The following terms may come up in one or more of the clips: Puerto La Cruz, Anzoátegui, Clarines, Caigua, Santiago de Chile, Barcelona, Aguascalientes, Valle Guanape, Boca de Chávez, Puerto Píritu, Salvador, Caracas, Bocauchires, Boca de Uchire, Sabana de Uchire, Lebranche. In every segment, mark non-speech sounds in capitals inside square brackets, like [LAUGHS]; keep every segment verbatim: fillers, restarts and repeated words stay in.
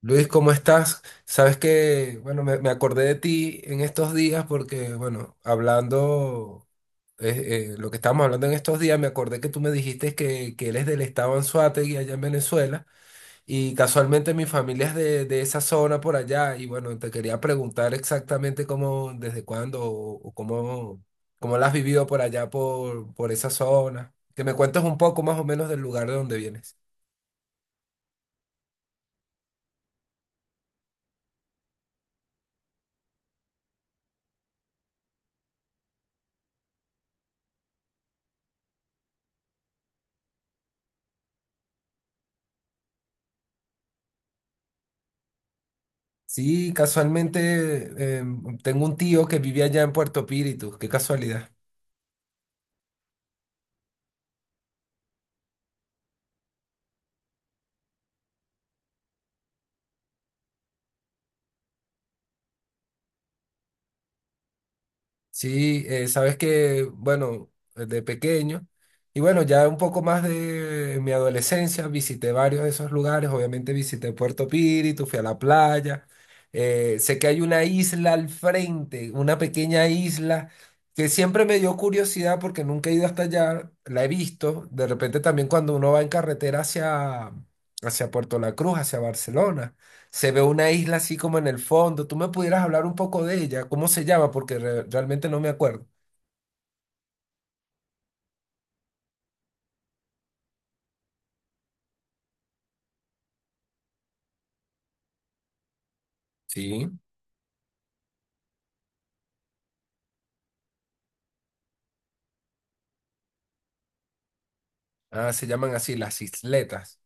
Luis, ¿cómo estás? Sabes que, bueno, me, me acordé de ti en estos días porque, bueno, hablando, eh, eh, lo que estábamos hablando en estos días, me acordé que tú me dijiste que, que eres del estado Anzoátegui allá en Venezuela y casualmente mi familia es de, de esa zona por allá y, bueno, te quería preguntar exactamente cómo, desde cuándo o, o cómo, cómo la has vivido por allá, por, por esa zona. Que me cuentes un poco más o menos del lugar de donde vienes. Sí, casualmente eh, tengo un tío que vivía allá en Puerto Píritu, qué casualidad. Sí, eh, sabes que, bueno, de pequeño, y bueno, ya un poco más de mi adolescencia, visité varios de esos lugares, obviamente visité Puerto Píritu, fui a la playa, eh, sé que hay una isla al frente, una pequeña isla, que siempre me dio curiosidad porque nunca he ido hasta allá, la he visto, de repente también cuando uno va en carretera hacia, hacia Puerto La Cruz, hacia Barcelona. Se ve una isla así como en el fondo. ¿Tú me pudieras hablar un poco de ella? ¿Cómo se llama? Porque re- realmente no me acuerdo. Sí. Ah, se llaman así, las isletas.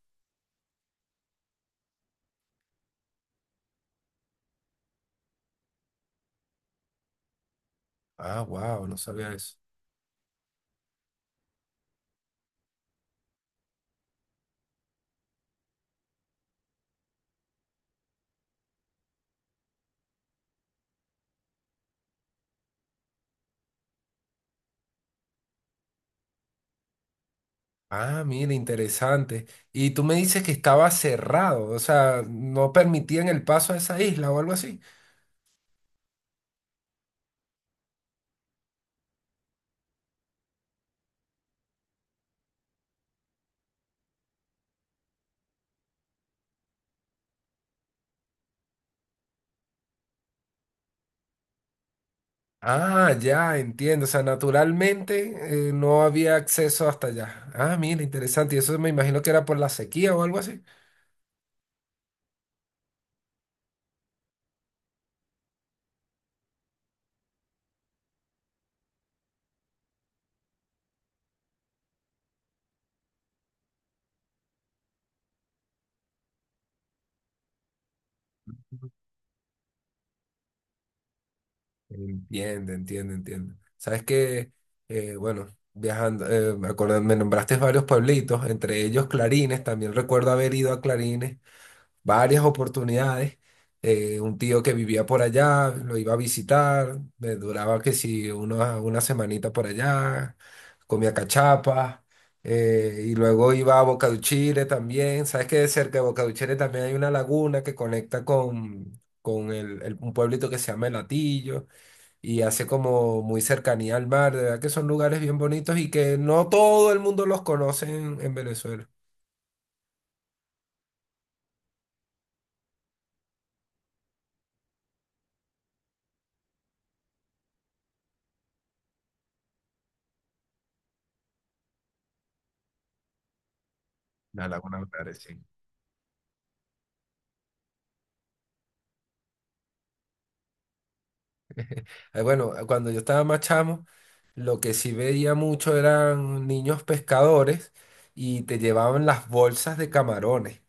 Ah, wow, no sabía eso. Ah, mira, interesante. Y tú me dices que estaba cerrado, o sea, no permitían el paso a esa isla o algo así. Ah, ya, entiendo. O sea, naturalmente eh, no había acceso hasta allá. Ah, mira, interesante. Y eso me imagino que era por la sequía o algo así. Entiende, entiende, entiende. Sabes que, eh, bueno, viajando, eh, me acuerdo- me nombraste varios pueblitos, entre ellos Clarines, también recuerdo haber ido a Clarines varias oportunidades. Eh, un tío que vivía por allá, lo iba a visitar, me duraba que si una, una semanita por allá, comía cachapa, eh, y luego iba a Boca también. Sabes que cerca de Boca también hay una laguna que conecta con, con el, el- un pueblito que se llama El Hatillo y hace como muy cercanía al mar, de verdad que son lugares bien bonitos y que no todo el mundo los conoce en, en Venezuela. La Laguna de sí. Eh, bueno, cuando yo estaba más chamo, lo que sí veía mucho eran niños pescadores y te llevaban las bolsas de camarones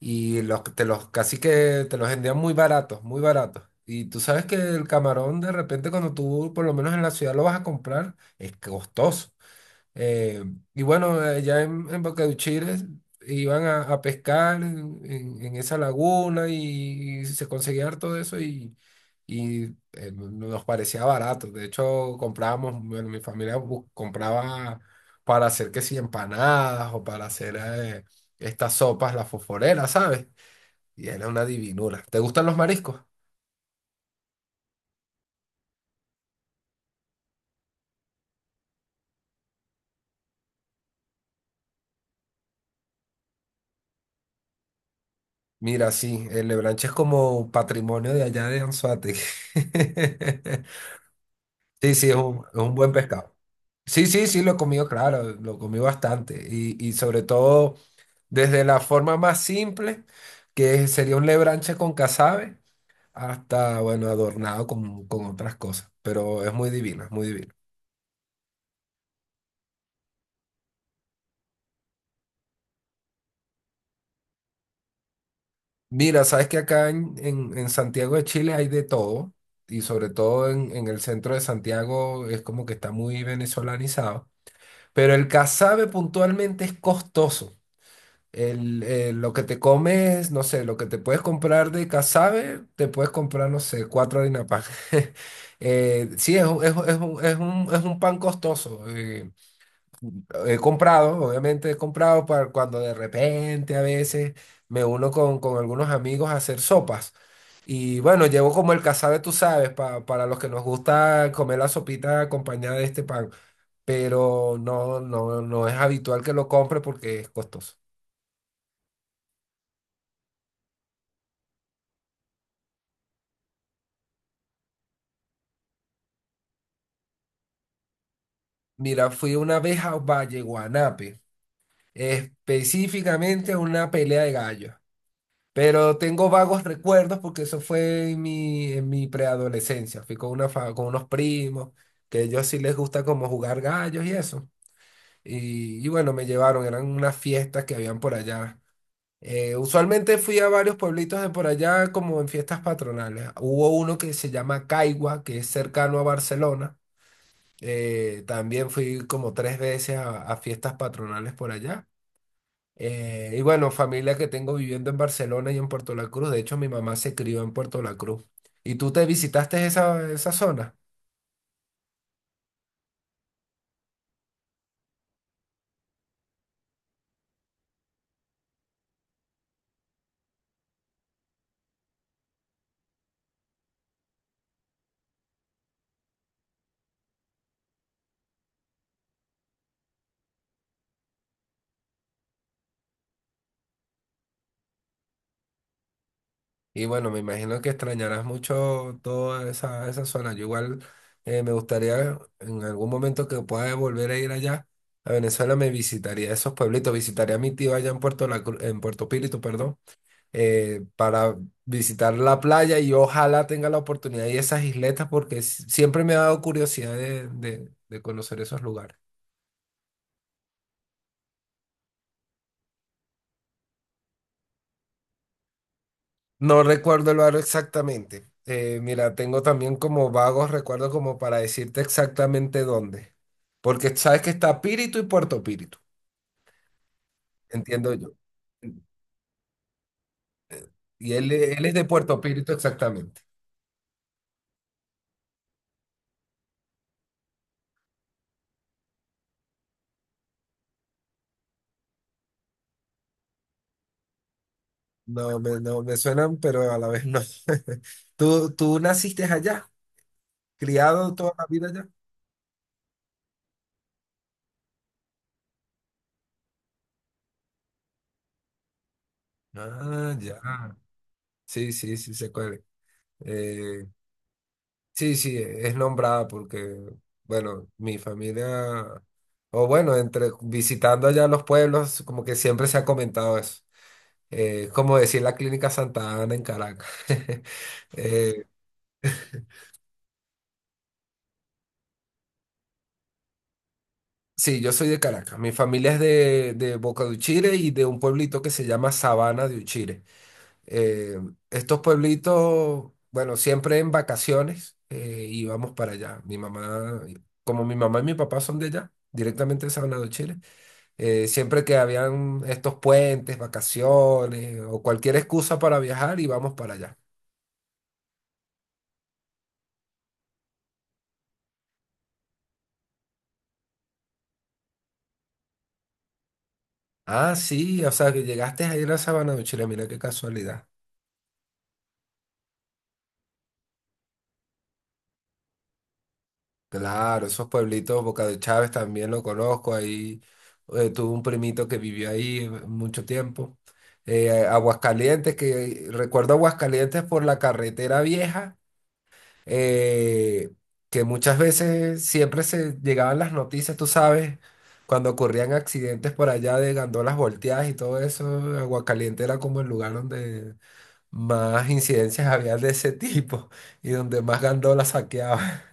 y los, te los casi que te los vendían muy baratos, muy baratos. Y tú sabes que el camarón de repente cuando tú, por lo menos en la ciudad, lo vas a comprar, es costoso. Eh, y bueno, allá en, en Bocauchires iban a, a pescar en, en- en esa laguna y, se conseguía harto de eso y, y, eh, nos parecía barato. De hecho, comprábamos, bueno, mi familia bu- compraba para hacer que si empanadas o para hacer eh, estas sopas, las fosforeras, ¿sabes? Y era una divinura. ¿Te gustan los mariscos? Mira, sí, el Lebranche es como patrimonio de allá de Anzoátegui. [LAUGHS] Sí, sí, es un, es un buen pescado. Sí, sí, sí, lo he comido, claro, lo comí bastante. Y, y sobre todo desde la forma más simple, que sería un lebranche con casabe, hasta, bueno, adornado con, con otras cosas. Pero es muy divino, es muy divino. Mira, sabes que acá en, en- en Santiago de Chile hay de todo, y sobre todo en, en el centro de Santiago es como que está muy venezolanizado. Pero el casabe puntualmente es costoso. El, eh, lo que te comes, no sé, lo que te puedes comprar de casabe, te puedes comprar, no sé, cuatro harina pan. [LAUGHS] Eh, sí, es, un- es, un- es un, es un- es un pan costoso. eh, he comprado, obviamente he comprado para cuando de repente a veces me uno con, con algunos amigos a hacer sopas. Y bueno, llevo como el casabe, tú sabes, pa- para los que nos gusta comer la sopita acompañada de este pan. Pero no, no, no es habitual que lo compre porque es costoso. Mira, fui una vez a Valle Guanape, específicamente a una pelea de gallos. Pero tengo vagos recuerdos porque eso fue en mi, en mi preadolescencia. Fui con, una fa- con unos primos, que a ellos sí les gusta como jugar gallos y eso. Y, y bueno, me llevaron, eran unas fiestas que habían por allá. Eh, usualmente fui a varios pueblitos de por allá como en fiestas patronales. Hubo uno que se llama Caigua, que es cercano a Barcelona eh, también fui como tres veces a, a fiestas patronales por allá. Eh, y bueno, familia que tengo viviendo en Barcelona y en Puerto La Cruz. De hecho, mi mamá se crió en Puerto La Cruz. ¿Y tú te visitaste esa, esa zona? Y bueno, me imagino que extrañarás mucho toda esa, esa zona. Yo igual eh, me gustaría en algún momento que pueda volver a ir allá a Venezuela, me visitaría esos pueblitos, visitaría a mi tío allá en Puerto La Cruz, en Puerto Píritu, perdón. eh, para visitar la playa y ojalá tenga la oportunidad de esas isletas porque s- siempre me ha dado curiosidad de, de- de conocer esos lugares. No recuerdo el barrio exactamente. Eh, mira, tengo también como vagos recuerdos como para decirte exactamente dónde. Porque sabes que está Píritu y Puerto Píritu, entiendo yo. Y él, él es de Puerto Píritu exactamente. No me, no me suenan, pero a la vez no. [LAUGHS] ¿Tú, tú naciste allá? ¿Criado toda la vida allá? Ah, ya. Sí, sí, sí, sé cuál. Es. Eh, sí, sí, es nombrada porque, bueno, mi familia, o bueno, entre visitando allá los pueblos, como que siempre se ha comentado eso. Eh, es como decir la Clínica Santa Ana en Caracas. [LAUGHS] Eh, sí, yo soy de Caracas. Mi familia es de, de Boca de Uchire y de un pueblito que se llama Sabana de Uchire. Eh, estos pueblitos, bueno, siempre en vacaciones eh, íbamos para allá. Mi mamá, como mi mamá y mi papá son de allá, directamente de Salvador, Chile, eh, siempre que habían estos puentes, vacaciones o cualquier excusa para viajar, íbamos para allá. Ah, sí, o sea que llegaste ayer a Sabana de Chile, mira qué casualidad. Claro, esos pueblitos, Boca de Chávez también lo conozco, ahí eh, tuve un primito que vivió ahí eh, mucho tiempo. Eh, Aguascalientes, que recuerdo Aguascalientes por la carretera vieja, eh, que muchas veces siempre se llegaban las noticias, tú sabes, cuando ocurrían accidentes por allá de gandolas volteadas y todo eso, Aguascalientes era como el lugar donde más incidencias había de ese [LAUGHS] tipo y donde más gandolas saqueaban.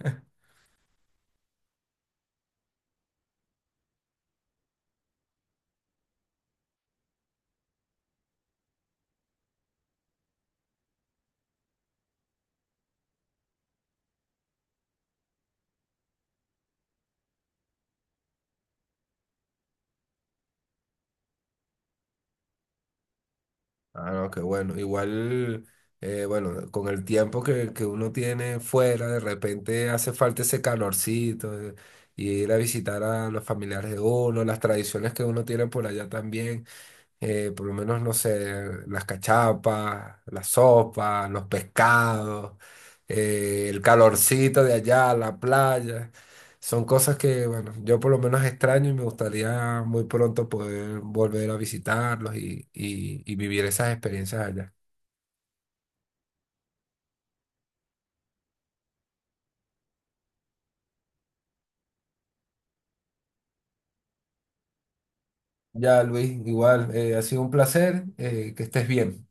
Ah, no, qué bueno. Igual, eh, bueno, con el tiempo que, que uno tiene fuera, de repente hace falta ese calorcito, eh, y ir a visitar a los familiares de uno, las tradiciones que uno tiene por allá también eh, por lo menos, no sé, las cachapas, la sopa, los pescados, eh, el calorcito de allá, la playa. Son cosas que, bueno, yo por lo menos extraño y me gustaría muy pronto poder volver a visitarlos y, y- y vivir esas experiencias allá. Ya, Luis, igual, eh, ha sido un placer, eh, que estés bien.